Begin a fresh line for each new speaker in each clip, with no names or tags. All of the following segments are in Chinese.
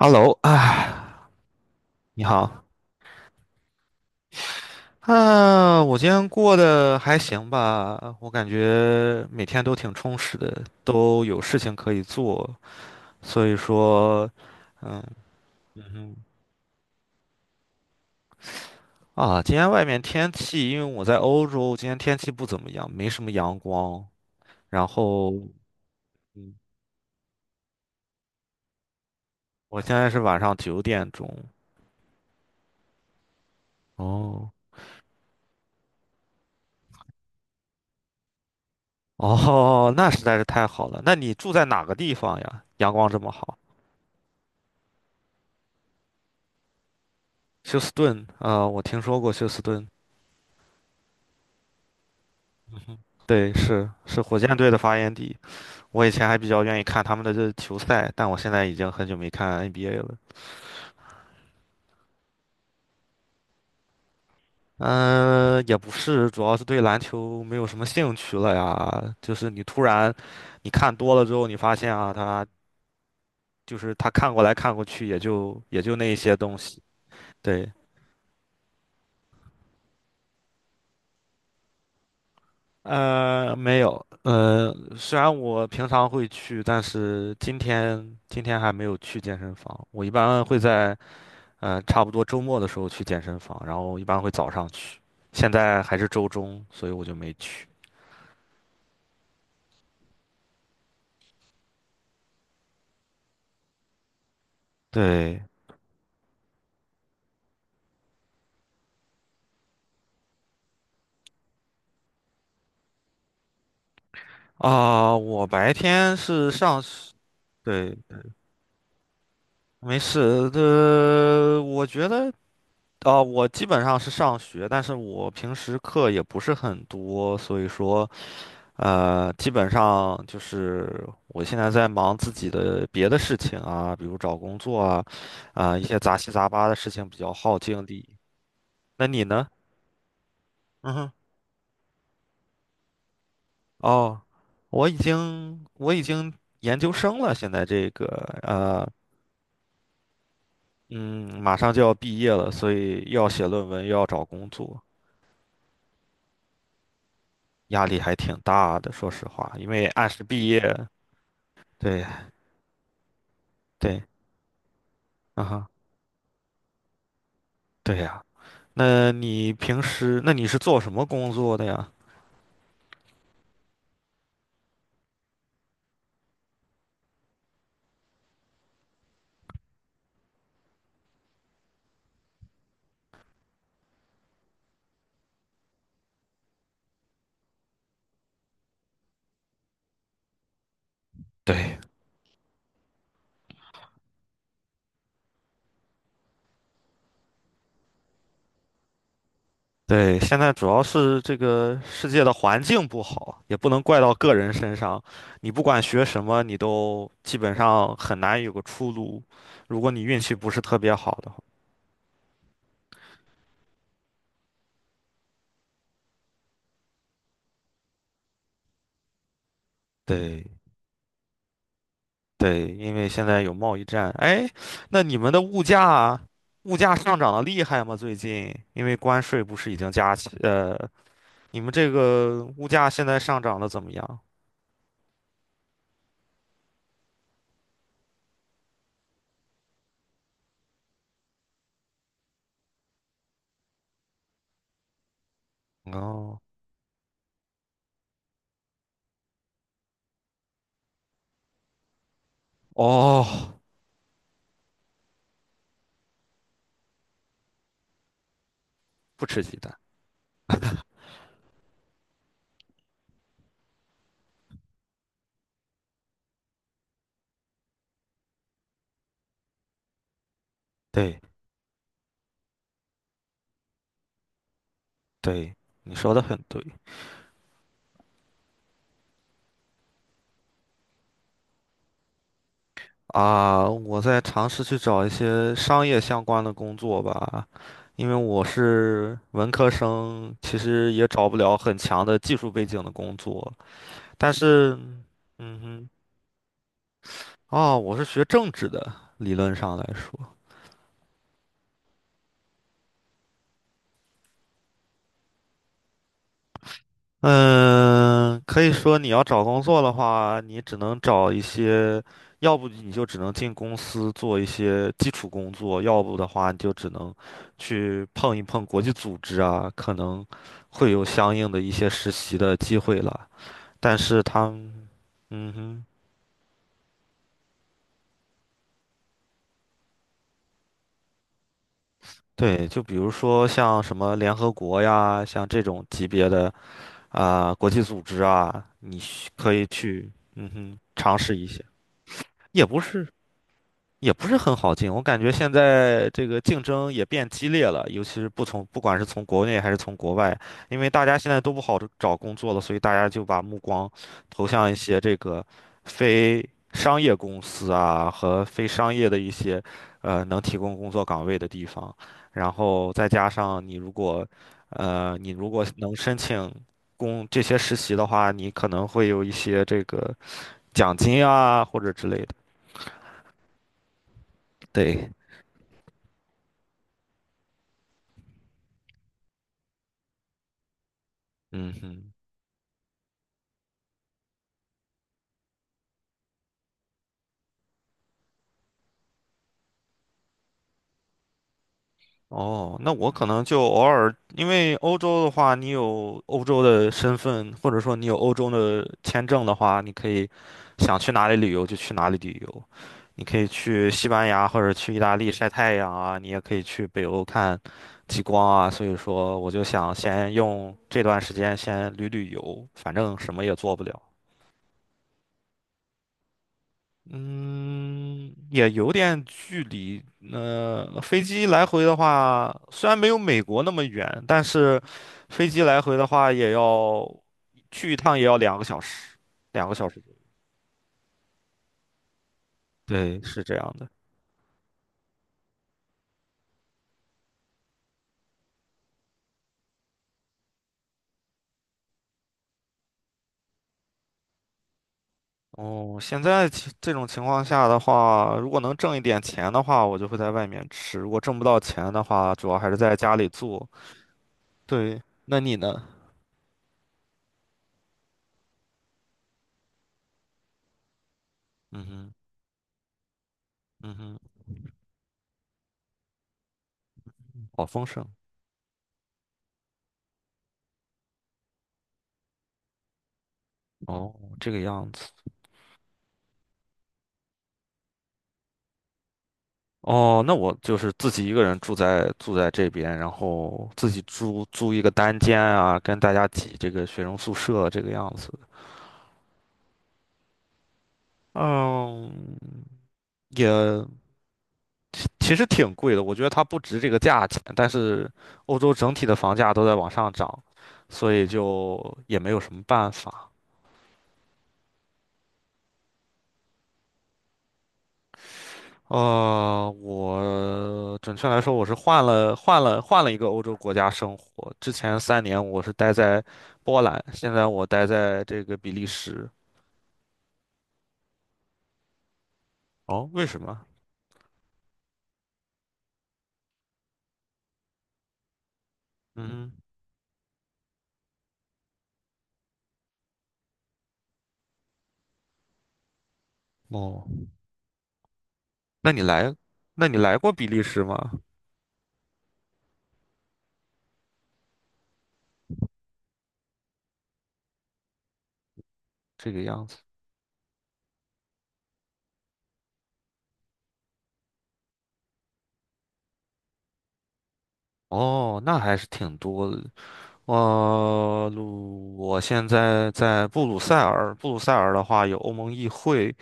Hello 啊，你好啊。我今天过得还行吧，我感觉每天都挺充实的，都有事情可以做，所以说，嗯今天外面天气，因为我在欧洲，今天天气不怎么样，没什么阳光，然后，嗯，我现在是晚上9点钟。哦哦,那实在是太好了，那你住在哪个地方呀？阳光这么好。休斯顿啊，我听说过休斯顿。对，是火箭队的发源地。我以前还比较愿意看他们的这球赛，但我现在已经很久没看 NBA 了。嗯、也不是，主要是对篮球没有什么兴趣了呀。就是你突然，你看多了之后，你发现啊，他就是他看过来看过去，也就那一些东西。对。没有。虽然我平常会去，但是今天还没有去健身房。我一般会在。差不多周末的时候去健身房，然后一般会早上去。现在还是周中，所以我就没去。对。我白天是上，学。对，没事。我觉得我基本上是上学，但是我平时课也不是很多，所以说基本上就是我现在在忙自己的别的事情啊，比如找工作啊，一些杂七杂八的事情比较耗精力。那你呢？嗯哼。哦，我已经研究生了，现在这个呃，嗯，马上就要毕业了，所以又要写论文，又要找工作。压力还挺大的。说实话，因为按时毕业，对对，啊哈，对呀。那你平时，那你是做什么工作的呀？对，对，现在主要是这个世界的环境不好，也不能怪到个人身上。你不管学什么，你都基本上很难有个出路。如果你运气不是特别好的话，对对，因为现在有贸易战。哎，那你们的物价，物价上涨的厉害吗？最近，因为关税不是已经加起，你们这个物价现在上涨的怎么样？哦哦,不吃鸡蛋。对对，你说的很对。啊，我在尝试去找一些商业相关的工作吧，因为我是文科生，其实也找不了很强的技术背景的工作。但是，嗯哼。哦，我是学政治的，理论上来说。嗯，可以说你要找工作的话，你只能找一些，要不你就只能进公司做一些基础工作，要不的话你就只能去碰一碰国际组织啊，可能会有相应的一些实习的机会了。但是他们，嗯哼，对，就比如说像什么联合国呀，像这种级别的啊，国际组织啊，你需可以去，嗯哼，尝试一些，也不是。也不是很好进，我感觉现在这个竞争也变激烈了，尤其是不管是从国内还是从国外，因为大家现在都不好找工作了，所以大家就把目光投向一些这个非商业公司啊和非商业的一些能提供工作岗位的地方，然后再加上你如果你如果能申请这些实习的话，你可能会有一些这个奖金啊或者之类的，对，嗯哼。哦，那我可能就偶尔，因为欧洲的话，你有欧洲的身份，或者说你有欧洲的签证的话，你可以想去哪里旅游就去哪里旅游。你可以去西班牙或者去意大利晒太阳啊，你也可以去北欧看极光啊。所以说，我就想先用这段时间先旅游，反正什么也做不了。嗯，也有点距离。飞机来回的话，虽然没有美国那么远，但是飞机来回的话，也要去一趟也要两个小时。两个小时。对，是这样的。哦，现在其这种情况下的话，如果能挣一点钱的话，我就会在外面吃；如果挣不到钱的话，主要还是在家里做。对，那你呢？嗯哼，嗯哼，好丰盛。哦，这个样子。哦，那我就是自己一个人住在这边，然后自己租一个单间啊，跟大家挤这个学生宿舍这个样子。嗯，也其实挺贵的，我觉得它不值这个价钱，但是欧洲整体的房价都在往上涨，所以就也没有什么办法。我准确来说，我是换了一个欧洲国家生活。之前3年我是待在波兰，现在我待在这个比利时。哦，为什么？嗯，哦，那你来，那你来过比利时吗？这个样子。哦，那还是挺多的。我现在在布鲁塞尔。布鲁塞尔的话有欧盟议会，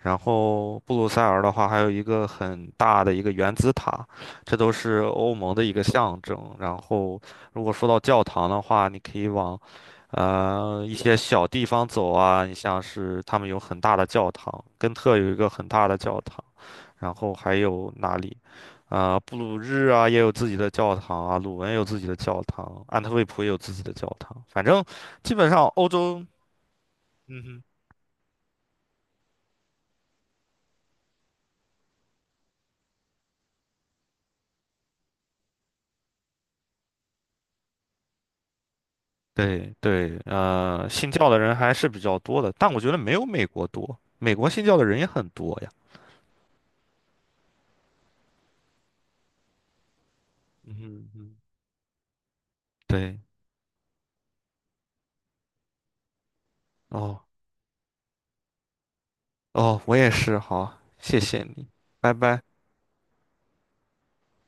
然后布鲁塞尔的话，还有一个很大的一个原子塔，这都是欧盟的一个象征。然后，如果说到教堂的话，你可以往一些小地方走啊，你像是他们有很大的教堂，根特有一个很大的教堂，然后还有哪里？布鲁日啊也有自己的教堂啊，鲁文也有自己的教堂，安特卫普也有自己的教堂。反正基本上欧洲，嗯哼。对对，信教的人还是比较多的，但我觉得没有美国多，美国信教的人也很多呀。嗯嗯，对，哦哦,我也是，好，谢谢你，拜拜。